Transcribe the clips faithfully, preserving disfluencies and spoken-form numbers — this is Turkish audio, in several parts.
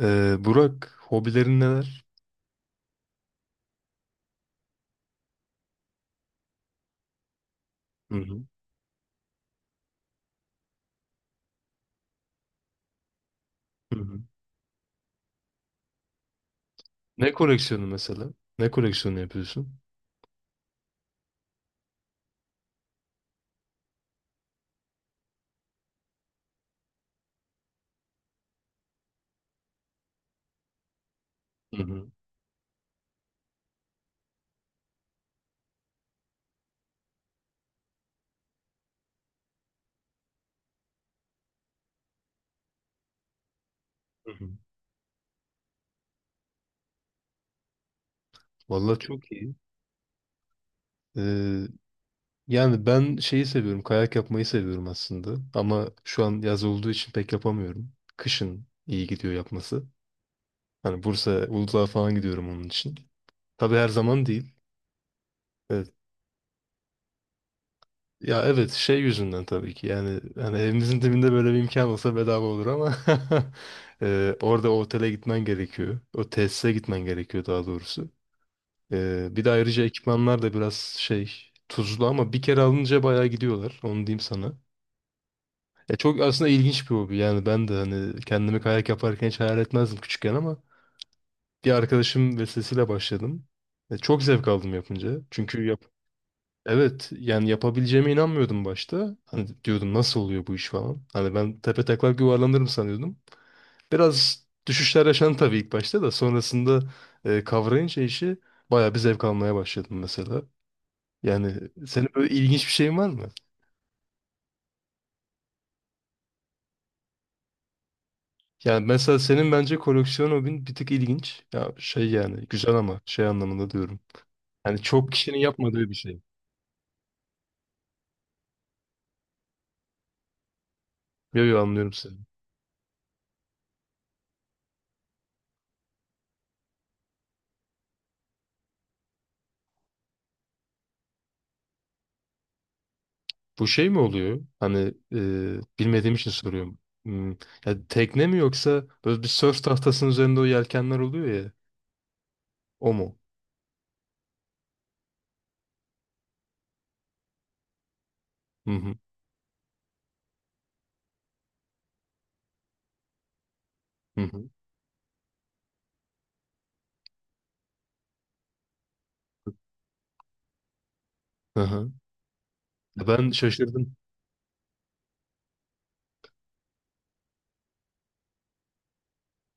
Ee, Burak, hobilerin neler? Hı hı. Hı hı. Ne koleksiyonu mesela? Ne koleksiyonu yapıyorsun? Hı hı. Hı hı. Vallahi çok iyi. Ee, yani ben şeyi seviyorum, kayak yapmayı seviyorum aslında. Ama şu an yaz olduğu için pek yapamıyorum. Kışın iyi gidiyor yapması. Hani Bursa, Uludağ'a falan gidiyorum onun için. Tabii her zaman değil. Evet. Ya evet şey yüzünden tabii ki yani hani evimizin dibinde böyle bir imkan olsa bedava olur ama e, orada o otele gitmen gerekiyor. O tesise gitmen gerekiyor daha doğrusu. E, bir de ayrıca ekipmanlar da biraz şey tuzlu ama bir kere alınca bayağı gidiyorlar onu diyeyim sana. E, çok aslında ilginç bir hobi yani ben de hani kendimi kayak yaparken hiç hayal etmezdim küçükken ama bir arkadaşım vesilesiyle başladım. E, çok zevk aldım yapınca çünkü evet yani yapabileceğime inanmıyordum başta. Hani diyordum nasıl oluyor bu iş falan. Hani ben tepe taklak yuvarlanırım sanıyordum. Biraz düşüşler yaşandı tabii ilk başta da sonrasında e, kavrayınca işi bayağı bir zevk almaya başladım mesela. Yani senin böyle ilginç bir şeyin var mı? Yani mesela senin bence koleksiyon hobin bir tık ilginç. Ya şey yani güzel ama şey anlamında diyorum. Yani çok kişinin yapmadığı bir şey. Yo yo anlıyorum seni. Bu şey mi oluyor? Hani e, bilmediğim için soruyorum. Hmm, ya tekne mi yoksa böyle bir sörf tahtasının üzerinde o yelkenler oluyor ya. O mu? Hı hı. Hı hı. Hı hı. Ya ben şaşırdım.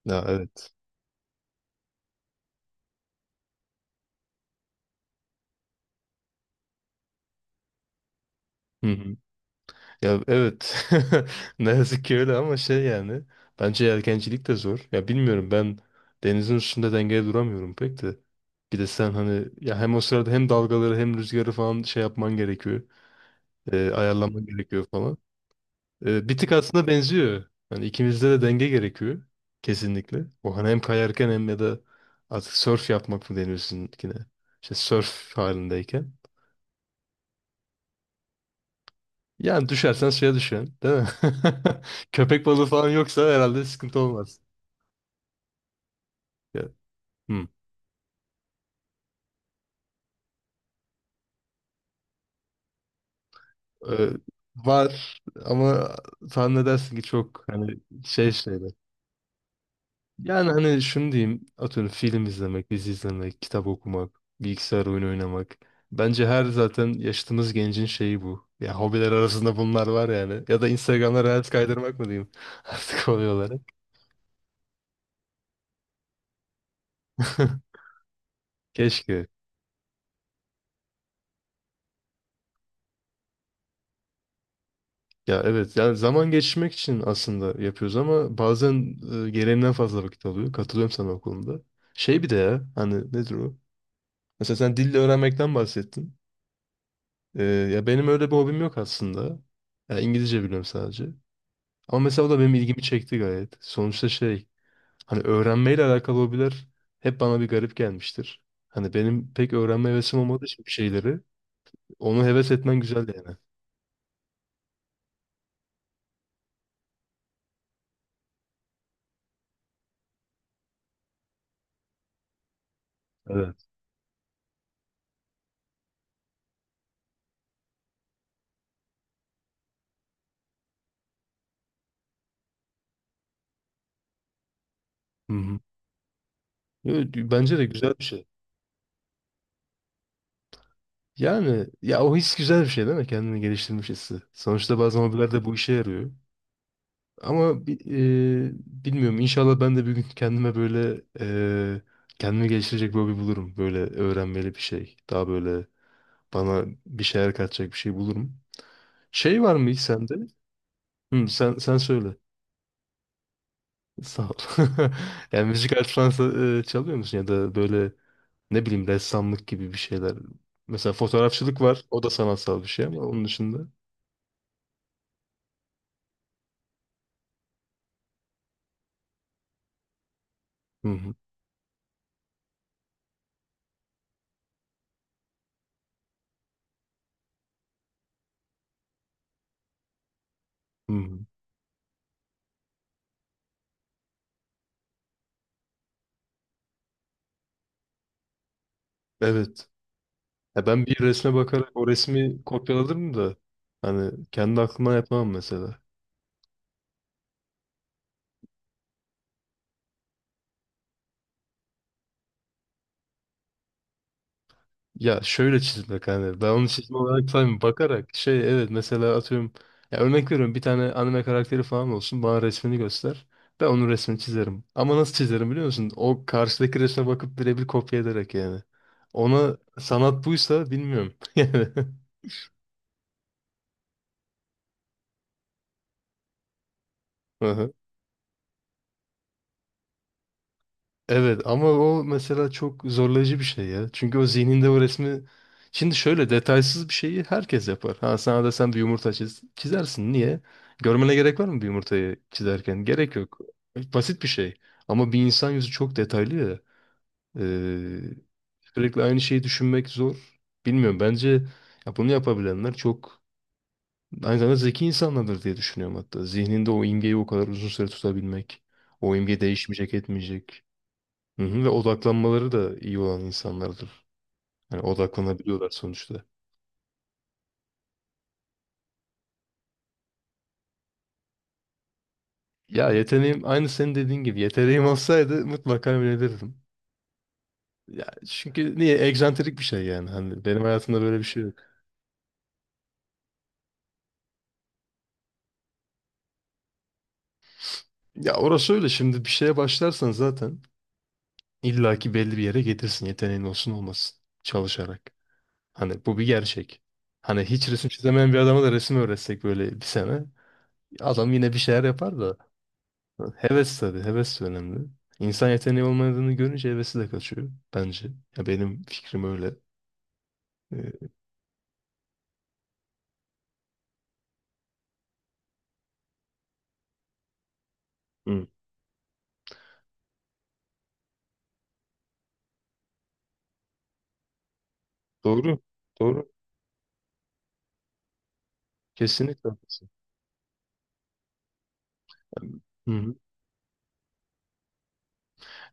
Ya evet. Hı hı. Ya evet. Ne yazık ki öyle ama şey yani. Bence yelkencilik de zor. Ya bilmiyorum ben denizin üstünde dengeye duramıyorum pek de. Bir de sen hani ya hem o sırada hem dalgaları hem rüzgarı falan şey yapman gerekiyor. E, ayarlaman gerekiyor falan. Ee, bir tık aslında benziyor. Yani ikimizde de denge gerekiyor. Kesinlikle. O hani hem kayarken hem ya da artık surf yapmak mı deniyor sizinkine? İşte surf halindeyken. Yani düşersen suya düşen, değil mi? Köpek balığı falan yoksa herhalde sıkıntı olmaz. Ya, hmm. Ee, var ama tahmin edersin ki çok hani şey şeyler. Yani hani şunu diyeyim. Atıyorum film izlemek, dizi izlemek, kitap okumak, bilgisayar oyunu oynamak. Bence her zaten yaşadığımız gencin şeyi bu. Ya hobiler arasında bunlar var yani. Ya da Instagram'da reels kaydırmak mı diyeyim? Artık hobi olarak. Keşke. Ya evet yani zaman geçirmek için aslında yapıyoruz ama bazen e, gereğinden fazla vakit alıyor. Katılıyorum sana o konuda. Şey bir de ya hani nedir o? Mesela sen dille öğrenmekten bahsettin. E, ya benim öyle bir hobim yok aslında. Ya İngilizce biliyorum sadece. Ama mesela o da benim ilgimi çekti gayet. Sonuçta şey hani öğrenmeyle alakalı hobiler hep bana bir garip gelmiştir. Hani benim pek öğrenme hevesim olmadığı için bir şeyleri onu heves etmen güzel yani. Evet. Hı hı. Yo, bence de güzel bir şey. Yani ya o his güzel bir şey değil mi? Kendini geliştirmiş hissi. Sonuçta bazen hobiler de bu işe yarıyor. Ama bi- e, bilmiyorum. İnşallah ben de bir gün kendime böyle e, kendimi geliştirecek bir hobi bulurum. Böyle öğrenmeli bir şey. Daha böyle bana bir şeyler katacak bir şey bulurum. Şey var mı hiç sende? Hı, sen sen söyle. Sağ ol. Yani müzik aleti falan sa- e, çalıyor musun ya da böyle ne bileyim ressamlık gibi bir şeyler. Mesela fotoğrafçılık var. O da sanatsal bir şey ama onun dışında. Hı hı. Hı hı. Evet. Ya ben bir resme bakarak o resmi kopyalarım da hani kendi aklımdan yapamam mesela. Ya şöyle çizmek hani ben onu çizme olarak saymıyorum. Bakarak şey evet mesela atıyorum ya örnek veriyorum bir tane anime karakteri falan olsun bana resmini göster. Ben onun resmini çizerim. Ama nasıl çizerim biliyor musun? O karşıdaki resme bakıp birebir kopya ederek yani. Ona sanat buysa bilmiyorum. Yani. Evet ama o mesela çok zorlayıcı bir şey ya. Çünkü o zihninde o resmi... Şimdi şöyle detaysız bir şeyi herkes yapar. Ha sana desem bir yumurta çiz, çizersin. Niye? Görmene gerek var mı bir yumurtayı çizerken? Gerek yok. Basit bir şey. Ama bir insan yüzü çok detaylı ya. Ee, sürekli aynı şeyi düşünmek zor. Bilmiyorum bence ya bunu yapabilenler çok aynı zamanda zeki insanlardır diye düşünüyorum hatta. Zihninde o imgeyi o kadar uzun süre tutabilmek. O imge değişmeyecek etmeyecek. Hı hı, ve odaklanmaları da iyi olan insanlardır. Yani odaklanabiliyorlar sonuçta. Ya yeteneğim aynı senin dediğin gibi yeteneğim olsaydı mutlaka yönelirdim. Ya çünkü niye egzantrik bir şey yani hani benim hayatımda böyle bir şey yok. Ya orası öyle şimdi bir şeye başlarsan zaten illaki belli bir yere getirsin yeteneğin olsun olmasın çalışarak. Hani bu bir gerçek. Hani hiç resim çizemeyen bir adama da resim öğretsek böyle bir sene adam yine bir şeyler yapar da. Heves tabii. Heves de önemli. İnsan yeteneği olmadığını görünce hevesi de kaçıyor bence. Ya benim fikrim öyle. Ee, Hı. Doğru. Doğru. Kesinlikle haklısın. Hı hı.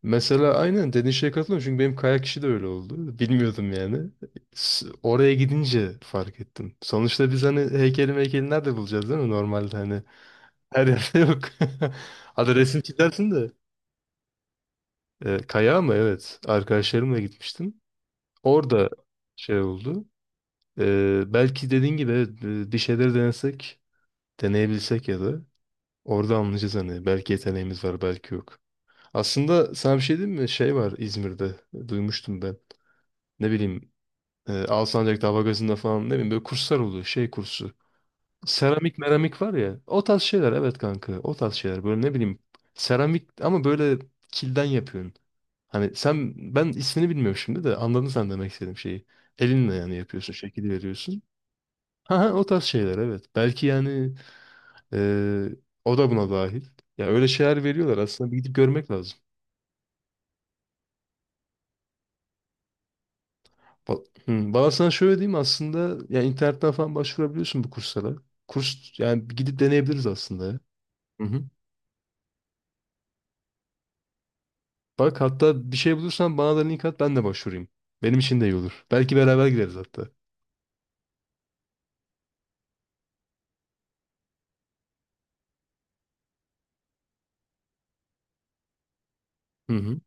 Mesela aynen dediğin şeye katılıyorum çünkü benim kayak işi de öyle oldu. Bilmiyordum yani. S- Oraya gidince fark ettim. Sonuçta biz hani heykeli meykeli nerede bulacağız değil mi? Normalde hani her yerde yok. Hadi resim çizersin de. E, kayağa mı? Evet. Arkadaşlarımla gitmiştim. Orada şey oldu. Ee, belki dediğin gibi evet, e, bir şeyleri denesek, deneyebilsek ya da orada anlayacağız hani belki yeteneğimiz var belki yok. Aslında sana bir şey diyeyim mi? Şey var İzmir'de e, duymuştum ben. Ne bileyim e, Alsancak'ta Hava Gazı'nda falan ne bileyim böyle kurslar oluyor şey kursu. Seramik meramik var ya o tarz şeyler evet kanka o tarz şeyler böyle ne bileyim seramik ama böyle kilden yapıyorsun. Hani sen ben ismini bilmiyorum şimdi de anladın sen demek istediğim şeyi. Elinle yani yapıyorsun şekil veriyorsun. Ha, ha, o tarz şeyler evet. Belki yani e, o da buna dahil. Ya öyle şeyler veriyorlar aslında bir gidip görmek lazım. Ba- Hı, valla sana şöyle diyeyim aslında ya internetten falan başvurabiliyorsun bu kurslara. Kurs yani bir gidip deneyebiliriz aslında ya. Hı hı. Bak hatta bir şey bulursan bana da link at ben de başvurayım. Benim için de iyi olur. Belki beraber gideriz hatta. Hı hı.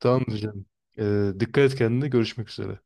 Tamamdır canım. E, dikkat et kendine görüşmek üzere.